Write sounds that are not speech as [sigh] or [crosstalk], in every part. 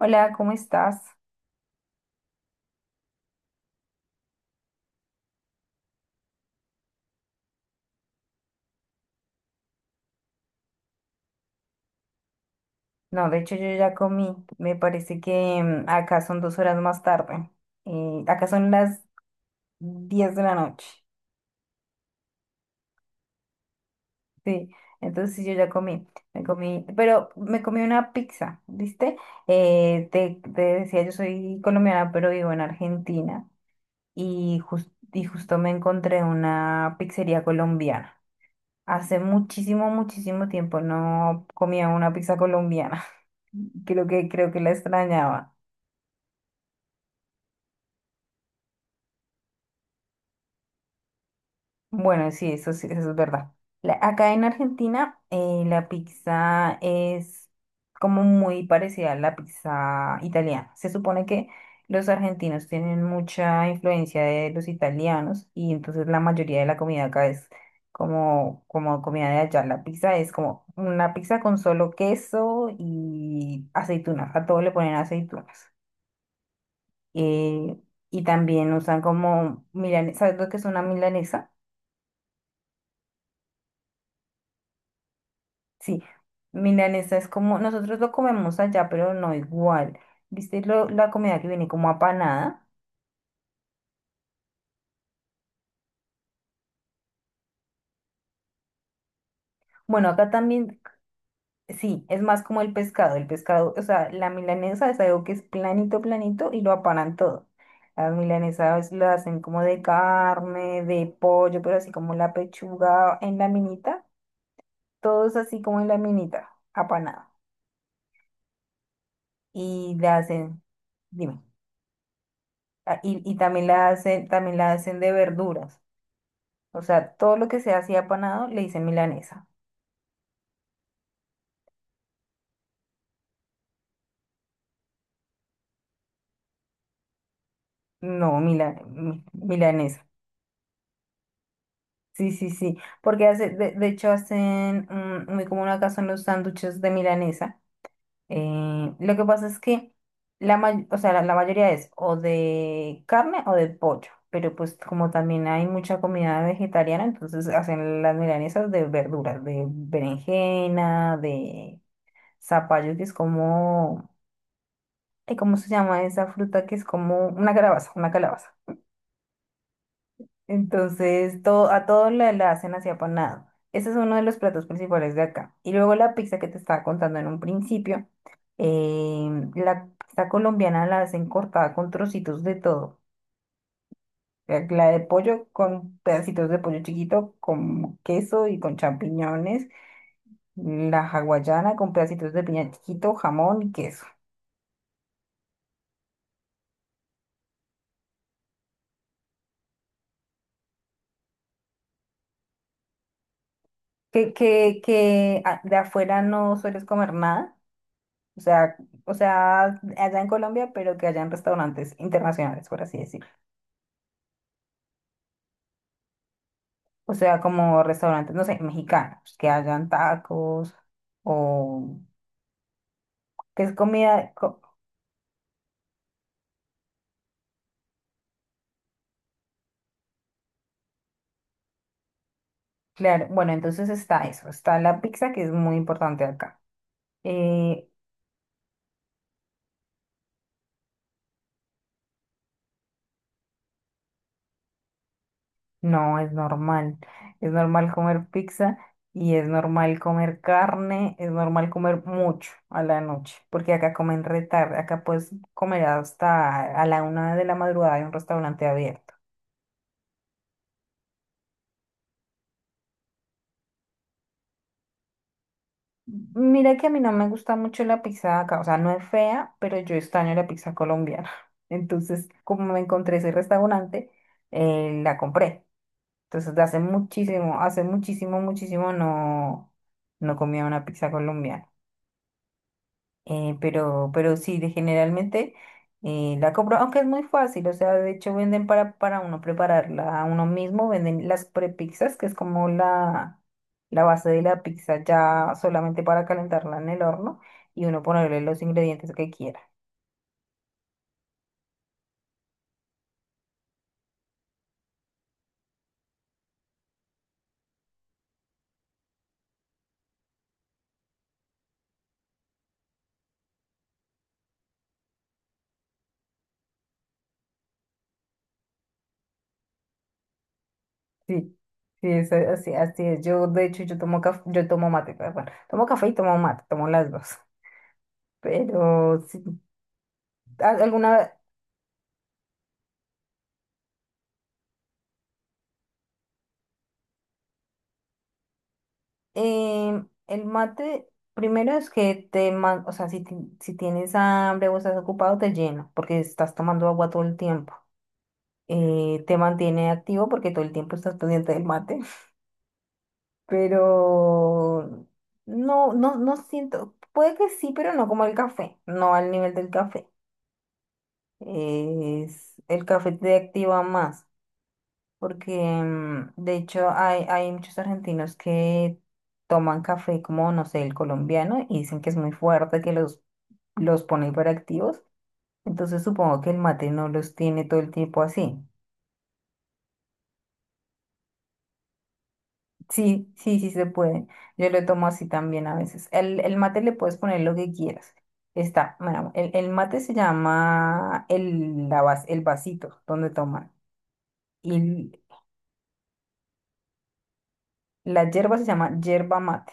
Hola, ¿cómo estás? No, de hecho yo ya comí. Me parece que acá son dos horas más tarde. Acá son las 10 de la noche. Sí, entonces sí, yo ya comí. Me comí, pero me comí una pizza, ¿viste? Te decía, yo soy colombiana, pero vivo en Argentina y, y justo me encontré una pizzería colombiana. Hace muchísimo, muchísimo tiempo no comía una pizza colombiana. [laughs] Creo que la extrañaba. Bueno, sí, eso es verdad. Acá en Argentina, la pizza es como muy parecida a la pizza italiana. Se supone que los argentinos tienen mucha influencia de los italianos y entonces la mayoría de la comida acá es como, como comida de allá. La pizza es como una pizza con solo queso y aceitunas. A todo le ponen aceitunas. Eh, y también usan como milanesa. ¿Sabes lo que es una milanesa? Sí, milanesa es como, nosotros lo comemos allá, pero no igual. ¿Viste la comida que viene como apanada? Bueno, acá también, sí, es más como el pescado, o sea, la milanesa es algo que es planito, planito y lo apanan todo. Las milanesas lo hacen como de carne, de pollo, pero así como la pechuga en laminita, todo es así como en laminita, apanado. Y la hacen, dime, ah, y también la hacen de verduras. O sea, todo lo que sea así apanado le dicen milanesa. No, milanesa. Sí, sí, sí. Porque hace, de hecho hacen muy común acá son los sándwiches de milanesa. Lo que pasa es que o sea, la mayoría es o de carne o de pollo. Pero pues como también hay mucha comida vegetariana, entonces hacen las milanesas de verduras, de berenjena, de zapallo, que es como... Ay, ¿cómo se llama esa fruta que es como una calabaza, una calabaza? Entonces, todo, a todo la hacen así apanado. Ese es uno de los platos principales de acá. Y luego la pizza que te estaba contando en un principio, la pizza colombiana la hacen cortada con trocitos de todo. La de pollo con pedacitos de pollo chiquito, con queso y con champiñones. La hawaiana con pedacitos de piña chiquito, jamón y queso. Que de afuera no sueles comer nada. O sea, o sea, allá en Colombia, pero que hayan restaurantes internacionales, por así decirlo. O sea, como restaurantes, no sé, mexicanos, que hayan tacos o que es comida, claro, bueno, entonces está eso, está la pizza que es muy importante acá. Eh, no, es normal comer pizza y es normal comer carne, es normal comer mucho a la noche, porque acá comen re tarde, acá puedes comer hasta a la una de la madrugada en un restaurante abierto. Mira que a mí no me gusta mucho la pizza acá, o sea, no es fea, pero yo extraño la pizza colombiana. [laughs] Entonces, como me encontré ese restaurante, la compré. Entonces, de hace muchísimo, muchísimo no, no comía una pizza colombiana. Pero sí, generalmente la compro, aunque es muy fácil, o sea, de hecho venden para uno prepararla a uno mismo, venden las prepizzas, que es como la base de la pizza ya solamente para calentarla en el horno y uno ponerle los ingredientes que quiera. Sí, sí, es así, así es. Yo, de hecho, yo tomo café, yo tomo mate, perdón, tomo café y tomo mate, tomo las dos. Pero sí, ¿alguna el mate, primero es que o sea, si, si tienes hambre o estás ocupado, te llena, porque estás tomando agua todo el tiempo. Te mantiene activo porque todo el tiempo estás pendiente del mate. [laughs] Pero no, no, no siento, puede que sí, pero no como el café, no al nivel del café. Es, el café te activa más. Porque de hecho hay, hay muchos argentinos que toman café como, no sé, el colombiano y dicen que es muy fuerte, que los pone hiperactivos. Entonces supongo que el mate no los tiene todo el tiempo así. Sí, sí, sí se puede. Yo lo tomo así también a veces. El mate le puedes poner lo que quieras. Está, bueno, el mate se llama el, el vasito donde toman. Y la hierba se llama yerba mate.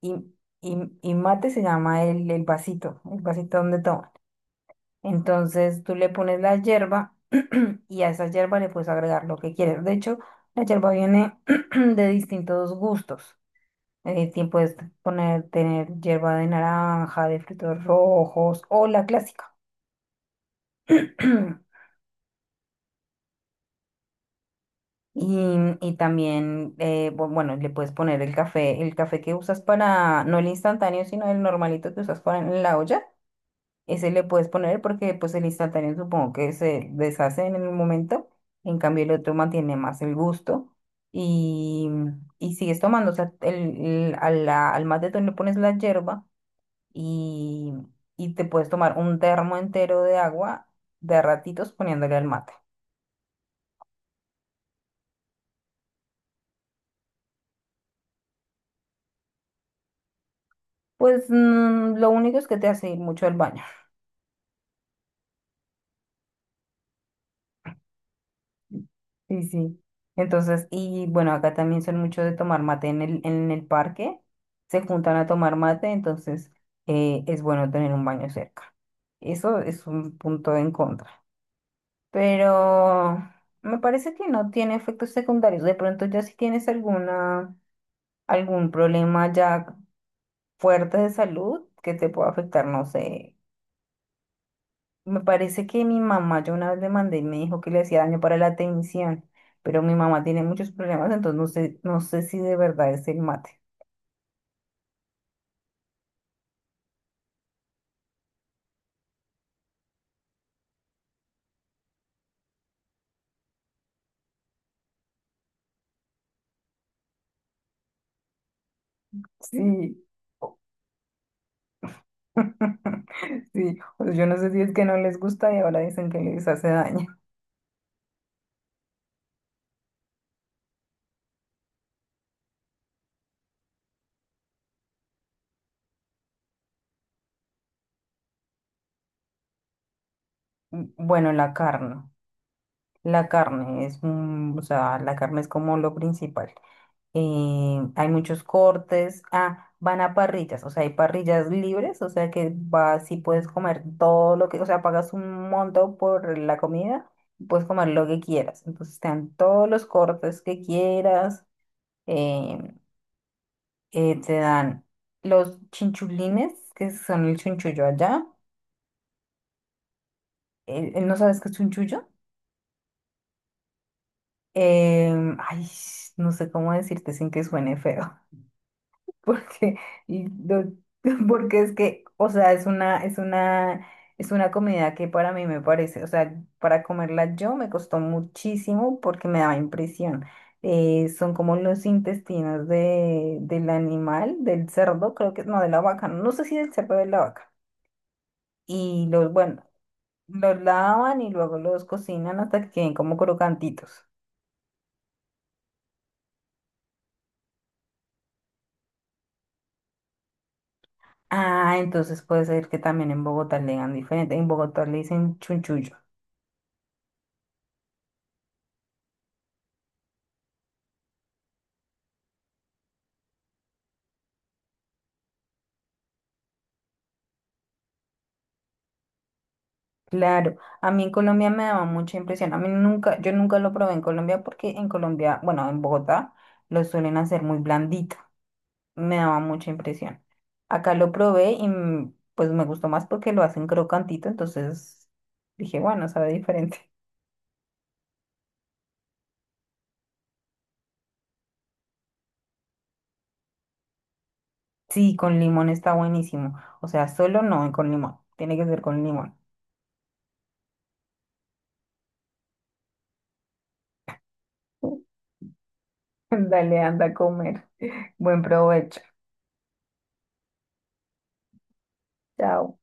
y, y mate se llama el vasito donde toman. Entonces tú le pones la hierba [clears throat] y a esa hierba le puedes agregar lo que quieres. De hecho, la hierba viene [clears throat] de distintos gustos. Ti puedes poner, tener hierba de naranja, de frutos rojos o la clásica. [clears throat] Y, y también, bueno, le puedes poner el café que usas para, no el instantáneo, sino el normalito que usas para en la olla. Ese le puedes poner porque pues el instantáneo supongo que se deshace en el momento, en cambio el otro mantiene más el gusto y, y sigues tomando, o sea, a al mate matetón le pones la yerba y, y te puedes tomar un termo entero de agua de a ratitos poniéndole al mate. Pues lo único es que te hace ir mucho al baño. Sí, sí. Entonces, y bueno, acá también son mucho de tomar mate en en el parque. Se juntan a tomar mate, entonces es bueno tener un baño cerca. Eso es un punto en contra. Pero me parece que no tiene efectos secundarios. De pronto ya si tienes alguna, algún problema ya fuerte de salud que te pueda afectar, no sé, me parece que mi mamá, yo una vez le mandé y me dijo que le hacía daño para la atención, pero mi mamá tiene muchos problemas, entonces no sé, no sé si de verdad es el mate. Sí, [laughs] sí, o yo no sé si es que no les gusta y ahora dicen que les hace daño. Bueno, la carne es, o sea, la carne es como lo principal. Eh, hay muchos cortes, ah, van a parrillas, o sea, hay parrillas libres, o sea que vas y puedes comer todo lo que, o sea, pagas un monto por la comida y puedes comer lo que quieras. Entonces te dan todos los cortes que quieras, em, te dan los chinchulines, que son el chunchullo allá. ¿No sabes qué es chunchullo? Ay, no sé cómo decirte sin que suene feo. [laughs] porque, y do- [laughs] Porque es que, o sea, es una, es una, es una comida que para mí me parece, o sea, para comerla yo me costó muchísimo porque me daba impresión. Son como los intestinos de, del animal, del cerdo, creo que, no, de la vaca, no sé si del cerdo o de la vaca. Y los, bueno, los lavan y luego los cocinan hasta que queden como crocantitos. Ah, entonces puede ser que también en Bogotá le digan diferente. En Bogotá le dicen chunchullo. Claro, a mí en Colombia me daba mucha impresión. A mí nunca, yo nunca lo probé en Colombia porque en Colombia, bueno, en Bogotá lo suelen hacer muy blandito. Me daba mucha impresión. Acá lo probé y pues me gustó más porque lo hacen crocantito, entonces dije, bueno, sabe diferente. [laughs] Sí, con limón está buenísimo. O sea, solo no con limón. Tiene que ser con limón. [laughs] Dale, anda a comer. Buen provecho. Chao.